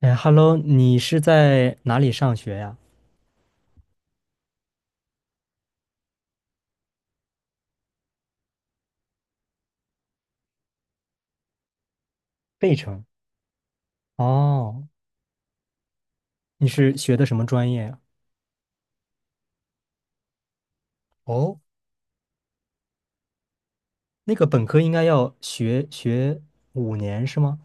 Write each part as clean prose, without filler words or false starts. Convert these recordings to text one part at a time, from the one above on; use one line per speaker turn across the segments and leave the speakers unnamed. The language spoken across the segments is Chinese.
哎，Hello，你是在哪里上学呀？费城，哦，你是学的什么专业呀？哦，那个本科应该要学五年是吗？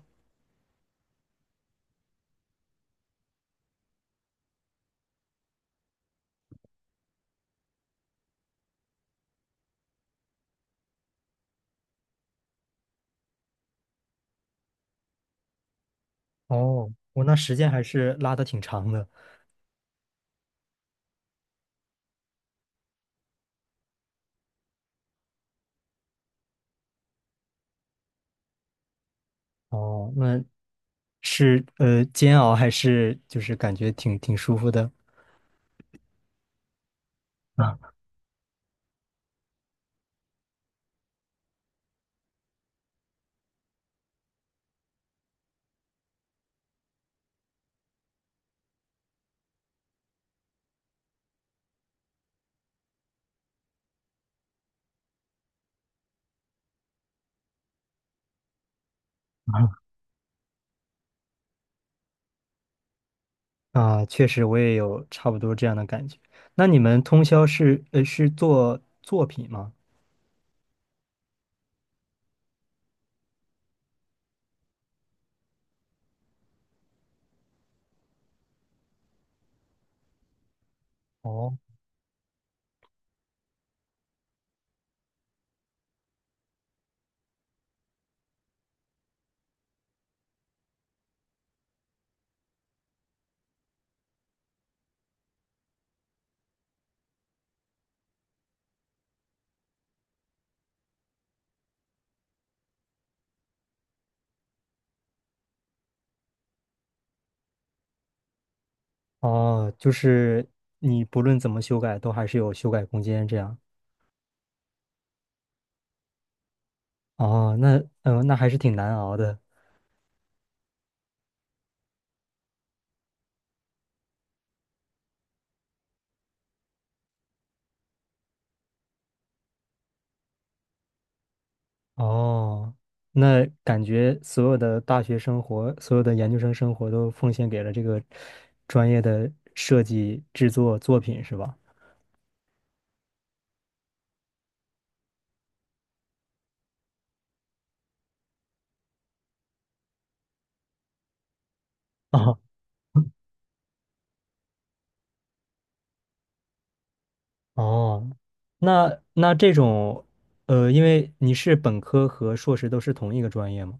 哦，我那时间还是拉的挺长的。哦，那是煎熬还是就是感觉挺舒服的啊 啊，确实我也有差不多这样的感觉。那你们通宵是是做作品吗？哦。哦，就是你不论怎么修改，都还是有修改空间这样。哦，那那还是挺难熬的。哦，那感觉所有的大学生活，所有的研究生生活都奉献给了这个专业的设计制作作品，是吧？哦哦，那这种，呃，因为你是本科和硕士都是同一个专业吗？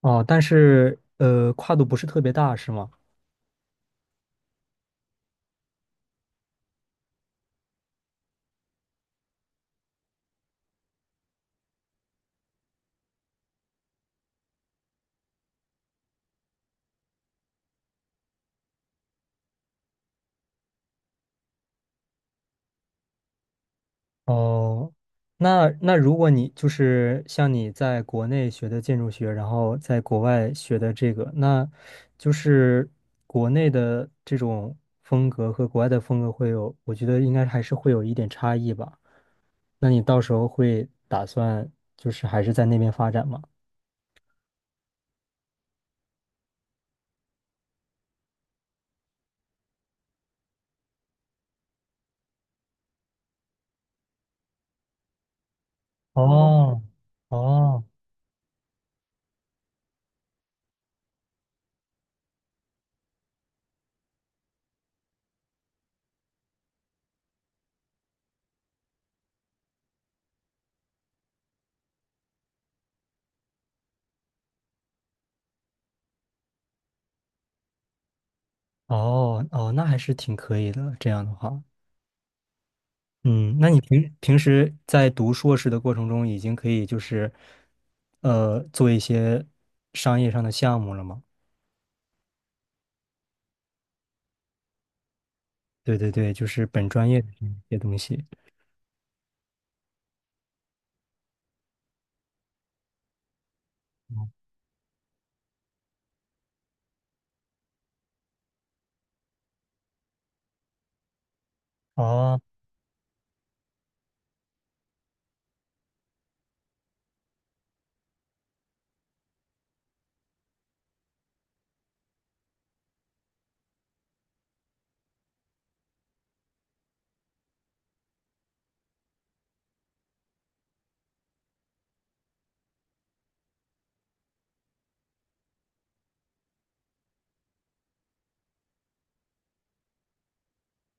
哦，但是呃，跨度不是特别大，是吗？哦，那如果你就是像你在国内学的建筑学，然后在国外学的这个，那就是国内的这种风格和国外的风格会有，我觉得应该还是会有一点差异吧。那你到时候会打算就是还是在那边发展吗？哦，哦，哦，哦，那还是挺可以的，这样的话。嗯，那你平时在读硕士的过程中，已经可以就是，呃，做一些商业上的项目了吗？对对对，就是本专业的这些东西。哦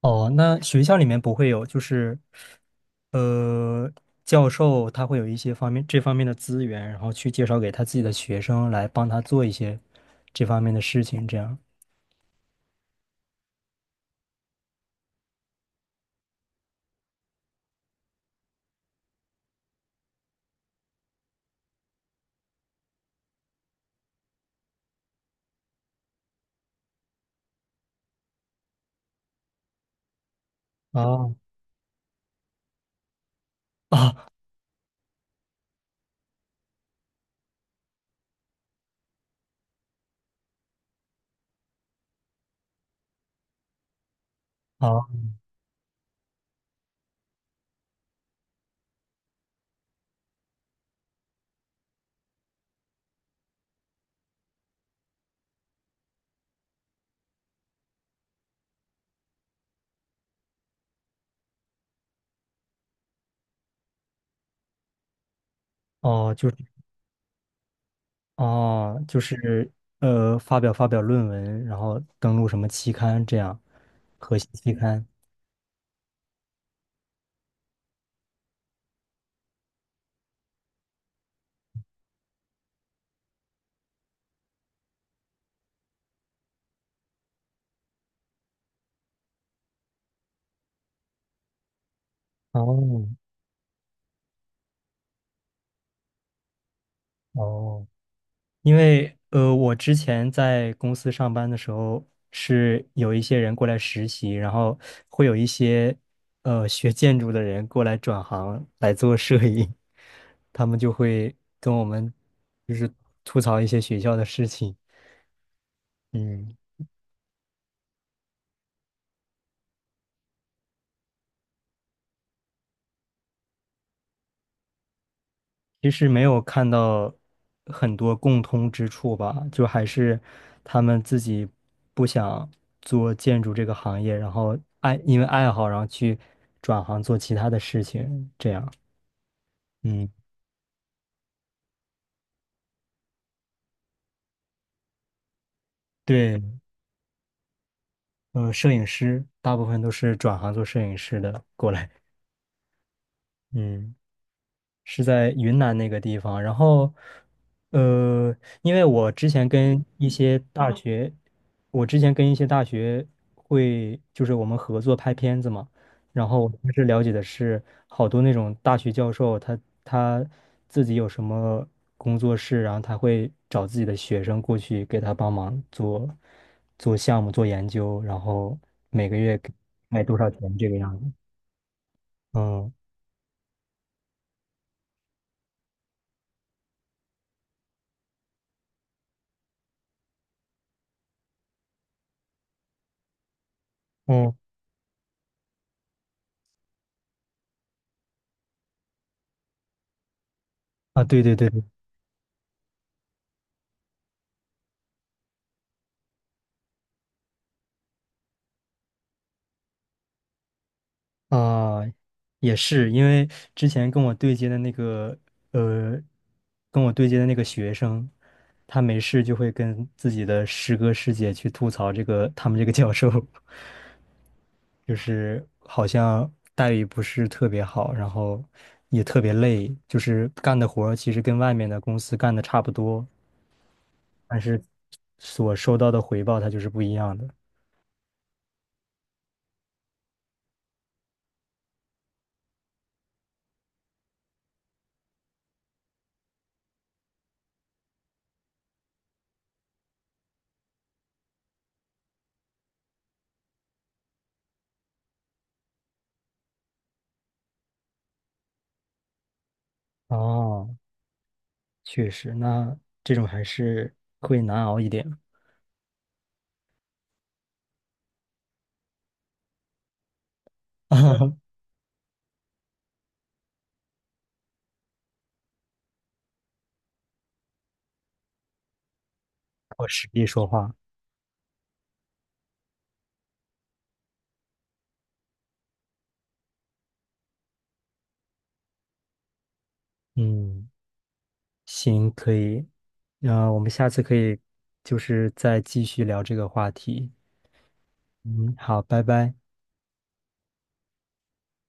哦，那学校里面不会有，就是，呃，教授他会有一些方面这方面的资源，然后去介绍给他自己的学生来帮他做一些这方面的事情，这样。哦哦哦哦，就是。哦，就是呃，发表论文，然后登录什么期刊这样，核心期刊。哦哦，因为呃，我之前在公司上班的时候，是有一些人过来实习，然后会有一些呃学建筑的人过来转行来做摄影，他们就会跟我们就是吐槽一些学校的事情。嗯。其实没有看到很多共通之处吧，就还是他们自己不想做建筑这个行业，然后爱，因为爱好，然后去转行做其他的事情，这样。嗯，对，呃，摄影师大部分都是转行做摄影师的过来。嗯。是在云南那个地方。然后，呃，因为我之前跟一些大学，我之前跟一些大学会，就是我们合作拍片子嘛。然后我当时了解的是，好多那种大学教授他，他自己有什么工作室，然后他会找自己的学生过去给他帮忙做做项目、做研究，然后每个月给卖多少钱这个样子。嗯嗯啊，对对对对。啊，也是，因为之前跟我对接的那个，呃，跟我对接的那个学生，他没事就会跟自己的师哥师姐去吐槽这个他们这个教授，就是好像待遇不是特别好，然后也特别累，就是干的活儿其实跟外面的公司干的差不多，但是所收到的回报它就是不一样的。哦，确实，那这种还是会难熬一点。我实地说话。嗯，行，可以。那我们下次可以就是再继续聊这个话题。嗯，好，拜拜。